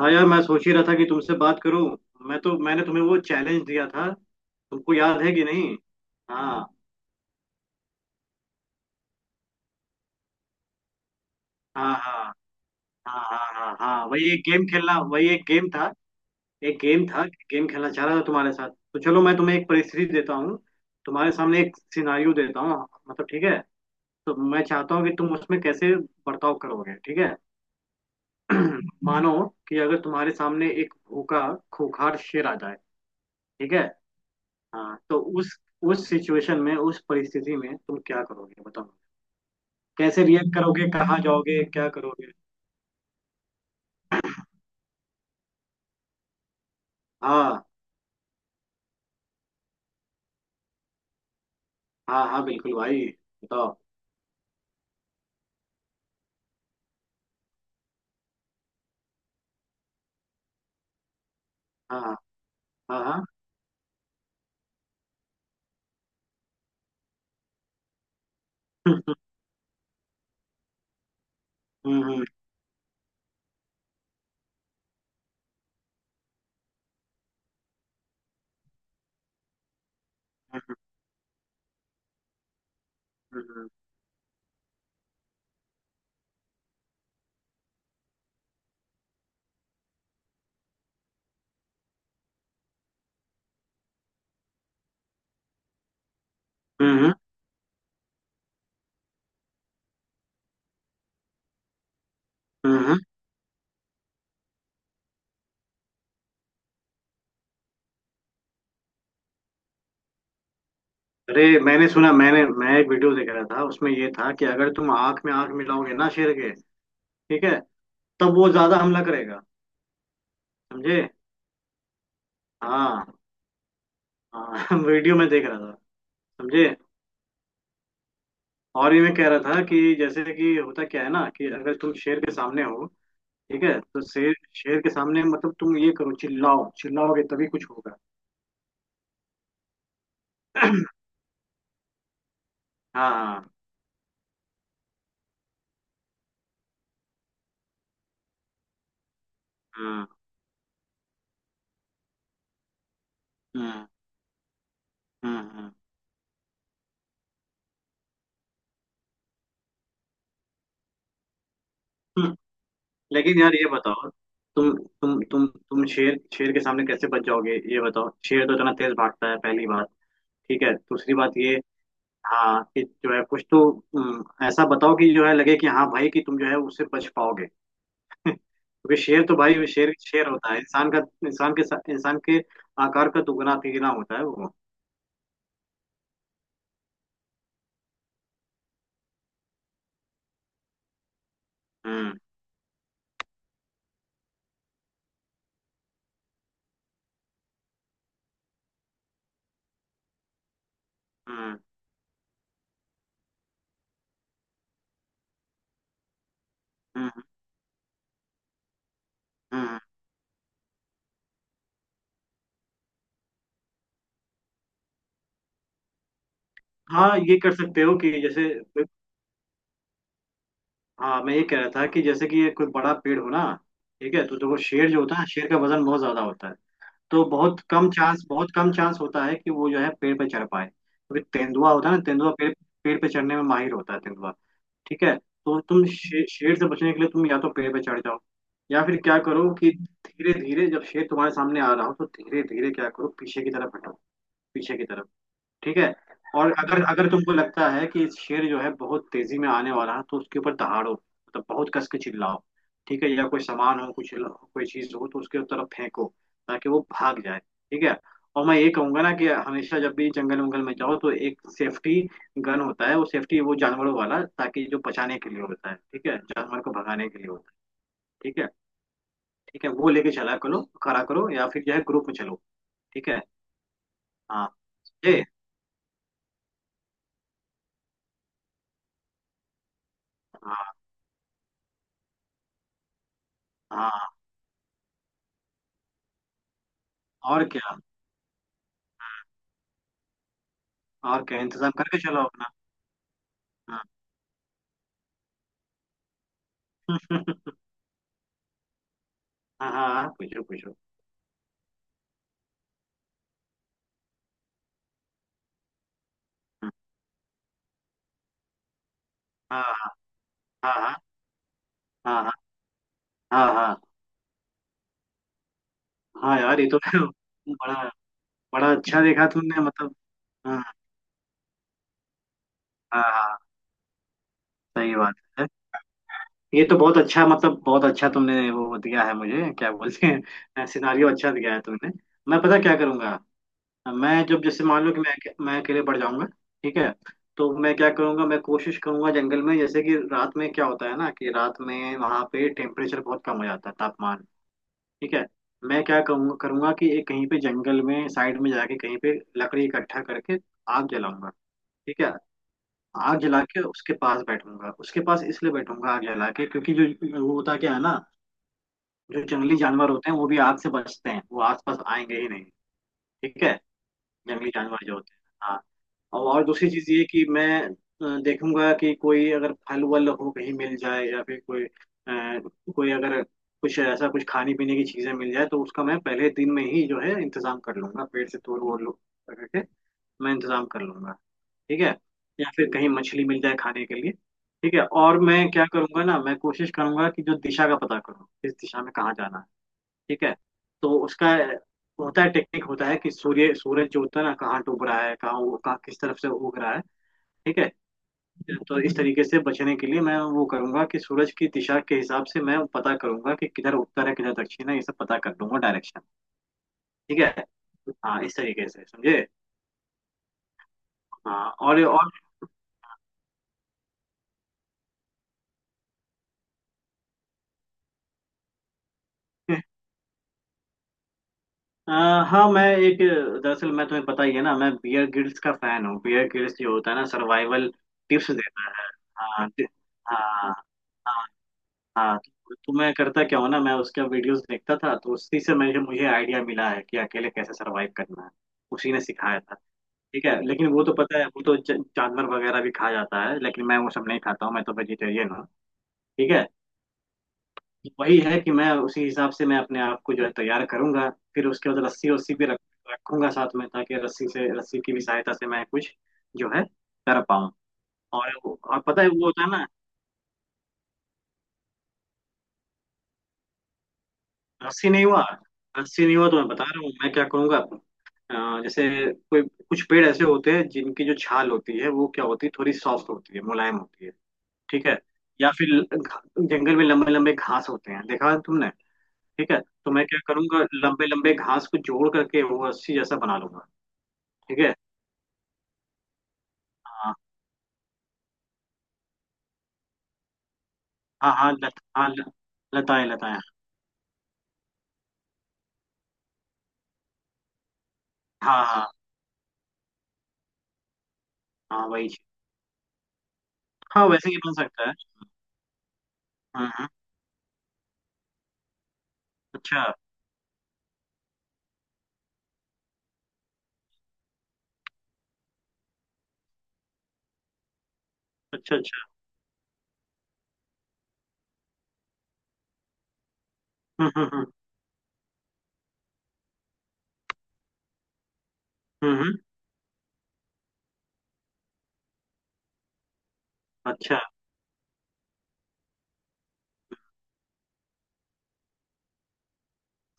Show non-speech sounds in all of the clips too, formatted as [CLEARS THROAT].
हाँ यार, मैं सोच ही रहा था कि तुमसे बात करूं। मैंने तुम्हें वो चैलेंज दिया था। तुमको याद है कि नहीं? हाँ, हाँ, हाँ, हाँ, हाँ, हाँ, हाँ, वही एक गेम खेलना, वही एक गेम था। एक गेम था। गेम खेलना चाह रहा था तुम्हारे साथ, तो चलो मैं तुम्हें एक परिस्थिति देता हूँ। तुम्हारे सामने एक सिनारियो देता हूँ। मतलब, ठीक है। तो मैं चाहता हूँ कि तुम उसमें कैसे बर्ताव करोगे, ठीक है। [CLEARS THROAT] मानो कि अगर तुम्हारे सामने एक भूखा खूंखार शेर आ जाए, ठीक है। हाँ, तो उस सिचुएशन में, उस परिस्थिति में तुम क्या करोगे बताओ। कैसे रिएक्ट करोगे, कहाँ जाओगे, क्या करोगे? हाँ, हाँ, हाँ, बिल्कुल भाई। बताओ। हाँ, हाँ, हाँ, हाँ। हम्म, हम्म, हम्म, हम्म, हम्म। हम्म, हम्म, हम्म। अरे, मैंने सुना, मैं एक वीडियो देख रहा था। उसमें ये था कि अगर तुम आंख में आंख मिलाओगे ना शेर के, ठीक है, तब वो ज्यादा हमला करेगा। समझे? हाँ, हाँ [LAUGHS] वीडियो में देख रहा था, समझे। और ये मैं कह रहा था कि जैसे कि होता क्या है ना कि अगर तुम शेर के सामने हो, ठीक है, तो शेर शेर के सामने मतलब तुम ये करो, चिल्लाओ, चिल्लाओगे तभी कुछ होगा। [CLEARS THROAT] हाँ, हाँ, हम्म, हम्म, हम्म। लेकिन यार ये बताओ, तुम तुम शेर शेर के सामने कैसे बच जाओगे, ये बताओ? शेर तो इतना तेज भागता है, पहली बात। ठीक है, दूसरी बात ये, हाँ, कि जो है, कुछ तो, ऐसा बताओ कि जो है लगे कि हाँ भाई कि तुम जो है उससे बच पाओगे [LAUGHS] क्योंकि शेर तो भाई, शेर शेर होता है। इंसान का, इंसान के आकार का दुगना तिगुना होता है वो। हम्म, हम्म, हम्म। हाँ, हाँ, ये कर सकते हो कि जैसे, हाँ, मैं ये कह रहा था कि जैसे कि ये कोई बड़ा पेड़ हो ना, ठीक है, तो देखो शेर जो होता है, शेर का वजन बहुत ज्यादा होता है। तो बहुत कम चांस, बहुत कम चांस होता है कि वो जो है पेड़ पे चढ़ पाए, क्योंकि तेंदुआ होता है ना, तेंदुआ पेड़ पेड़ पे चढ़ने में माहिर होता है, तेंदुआ। ठीक है, तो तुम शेर से बचने के लिए तुम या तो पेड़ पे चढ़ जाओ, या फिर क्या करो कि धीरे धीरे जब शेर तुम्हारे सामने आ रहा हो तो धीरे धीरे क्या करो, पीछे की तरफ हटो। पीछे की तरफ, ठीक है। और अगर अगर तुमको लगता है कि शेर जो है बहुत तेजी में आने वाला है, तो उसके ऊपर दहाड़ो, मतलब बहुत कस के चिल्लाओ। ठीक है, या कोई सामान हो, कुछ कोई चीज हो, तो उसके तरफ फेंको ताकि वो भाग जाए, ठीक है। और मैं ये कहूंगा ना कि हमेशा जब भी जंगल वंगल में जाओ तो एक सेफ्टी गन होता है, वो सेफ्टी, वो जानवरों वाला, ताकि जो बचाने के लिए होता है, ठीक है, जानवर को भगाने के लिए होता है। ठीक है, ठीक है, वो लेके चला करो, खड़ा करो, या फिर जो है ग्रुप में चलो। ठीक है। हाँ, ये, हाँ, हाँ। और क्या, और क्या इंतजाम करके चलो अपना? हाँ [LAUGHS] हाँ, हाँ, हाँ, पूछो पूछो। हाँ, हाँ, हाँ, हाँ, हाँ, हाँ, हाँ, हाँ, हाँ। हाँ यार ये तो [LAUGHS] बड़ा, बड़ा अच्छा देखा तुमने, मतलब। हाँ, हाँ, हाँ, सही बात है। ये तो बहुत अच्छा, मतलब बहुत अच्छा तुमने वो दिया है मुझे, क्या बोलते हैं, सिनारियो अच्छा दिया है तुमने। मैं, पता क्या करूंगा? मैं जब, जैसे मान लो कि मैं अकेले पड़ जाऊंगा, ठीक है, तो मैं क्या करूंगा, मैं कोशिश करूंगा जंगल में, जैसे कि रात में क्या होता है ना कि रात में वहां पे टेम्परेचर बहुत कम हो जाता है, तापमान, ठीक है। मैं क्या कहूंगा, करूंगा कि एक कहीं पे जंगल में साइड में जाके कहीं पे लकड़ी इकट्ठा करके आग जलाऊंगा। ठीक है, आग जला के उसके पास बैठूंगा, उसके पास इसलिए बैठूंगा आग जला के क्योंकि जो वो होता क्या है ना, जो जंगली जानवर होते हैं वो भी आग से बचते हैं, वो आसपास आएंगे ही नहीं, ठीक है, जंगली जानवर जो होते हैं, हाँ। और दूसरी चीज ये कि मैं देखूंगा कि कोई अगर फल वल हो कहीं मिल जाए, या फिर कोई कोई अगर कुछ ऐसा, कुछ खाने पीने की चीजें मिल जाए, तो उसका मैं पहले दिन में ही जो है इंतजाम कर लूंगा, पेड़ से तोड़ वोड़ लो करके मैं इंतजाम कर लूंगा। ठीक है, या फिर कहीं मछली मिल जाए खाने के लिए। ठीक है, और मैं क्या करूंगा ना, मैं कोशिश करूंगा कि जो दिशा का पता करूँ, किस दिशा में कहाँ जाना है, ठीक है। तो उसका होता है, टेक्निक होता है कि सूर्य सूरज जो होता है ना, कहाँ डूब रहा है, कहाँ कहाँ, किस तरफ से उग रहा है, ठीक है। तो इस तरीके से बचने के लिए मैं वो करूंगा कि सूरज की दिशा के हिसाब से मैं पता करूंगा कि किधर उत्तर है, किधर दक्षिण है, ये सब पता कर लूंगा, डायरेक्शन, ठीक है। हाँ, इस तरीके से, समझे? हाँ, हाँ, मैं एक दरअसल, मैं, तुम्हें पता ही है ना, मैं बियर ग्रिल्स का फैन हूँ। बियर ग्रिल्स जो होता है ना, सर्वाइवल टिप्स देता है। हाँ, हाँ, हाँ, हाँ। तो मैं करता क्या हूँ ना, मैं उसका वीडियोस देखता था, तो उसी से मुझे, आइडिया मिला है कि अकेले कैसे सरवाइव करना है। उसी ने सिखाया था, ठीक है। लेकिन वो तो पता है, वो तो जानवर वगैरह भी खा जाता है, लेकिन मैं वो सब नहीं खाता हूँ, मैं तो वेजिटेरियन हूँ, ठीक है। वही है कि मैं उसी हिसाब से मैं अपने आप को जो है तैयार करूंगा। फिर उसके बाद रस्सी वस्सी भी रख रखूंगा साथ में, ताकि रस्सी से, रस्सी की भी सहायता से मैं कुछ जो है कर पाऊँ। और पता है वो होता है ना। रस्सी नहीं हुआ, रस्सी नहीं हुआ तो मैं बता रहा हूँ मैं क्या करूंगा। जैसे कोई कुछ पेड़ ऐसे होते हैं जिनकी जो छाल होती है वो क्या होती है, थोड़ी सॉफ्ट होती है, मुलायम होती है, ठीक है। या फिर जंगल में लंबे लंबे घास होते हैं, देखा है तुमने? ठीक है, तो मैं क्या करूंगा, लंबे लंबे घास को जोड़ करके वो रस्सी जैसा बना लूंगा। ठीक है। हाँ, हाँ, हाँ, लत, हाँ, लताएं, लताएं। हाँ, हाँ, हाँ, वही चीज, हाँ, वैसे ही बन सकता है। हम्म, अच्छा, अच्छा, अच्छा। हम्म, हम्म, हम्म, हम्म। अच्छा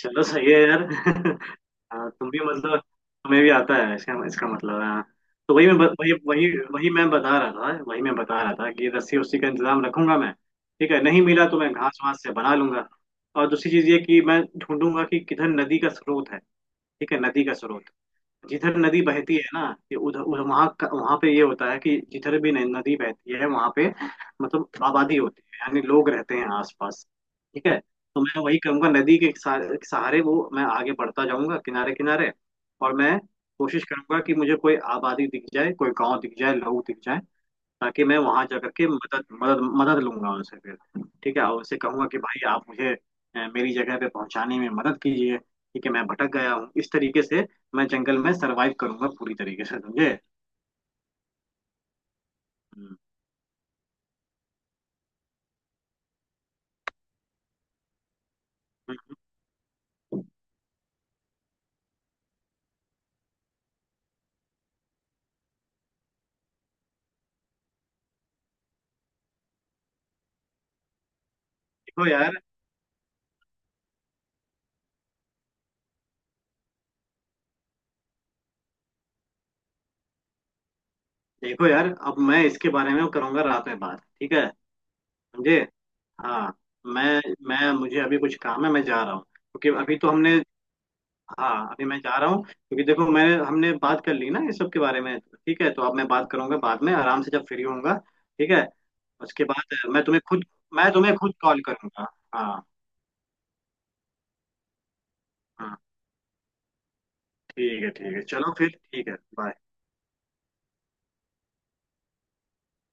चलो, सही है यार [LAUGHS] हाँ, तुम भी मतलब, तुम्हें भी आता है, इसका इसका मतलब है, हाँ। तो वही मैं ब- वही वही वही मैं बता रहा था वही मैं बता रहा था कि रस्सी उस्सी का इंतजाम रखूंगा मैं, ठीक है, नहीं मिला तो मैं घास वास से बना लूंगा। और दूसरी चीज ये कि मैं ढूंढूंगा कि किधर नदी का स्रोत है, ठीक है, नदी का स्रोत, जिधर नदी बहती है ना, ये उधर उधर वहाँ पे ये होता है कि जिधर भी नदी बहती है वहाँ पे मतलब आबादी होती है, यानी लोग रहते हैं आसपास, ठीक है। तो मैं वही करूंगा, नदी के सहारे सहारे वो मैं आगे बढ़ता जाऊंगा, किनारे किनारे। और मैं कोशिश करूंगा कि मुझे कोई आबादी दिख जाए, कोई गांव दिख जाए, लोग दिख जाए, ताकि मैं वहां जा करके मदद मदद मदद लूंगा उनसे फिर, ठीक है। और उनसे कहूंगा कि भाई आप मुझे मेरी जगह पे पहुंचाने में मदद कीजिए, ठीक है, मैं भटक गया हूँ। इस तरीके से मैं जंगल में सरवाइव करूंगा, पूरी तरीके से, समझे? हम्म, हम्म, हम्म। देखो यार, देखो यार, अब मैं इसके बारे में करूंगा रात में बात, ठीक है, समझे? हाँ, मैं मैं मुझे अभी कुछ काम है, मैं जा रहा हूँ, क्योंकि अभी तो हमने, हाँ, अभी मैं जा रहा हूँ, क्योंकि देखो, मैंने हमने बात कर ली ना ये सब के बारे में, ठीक है, तो अब मैं बात करूंगा बाद में आराम से जब फ्री होऊंगा, ठीक है। उसके बाद मैं तुम्हें खुद कॉल करूंगा। हाँ, हाँ, ठीक है, ठीक है, चलो फिर, ठीक है, बाय।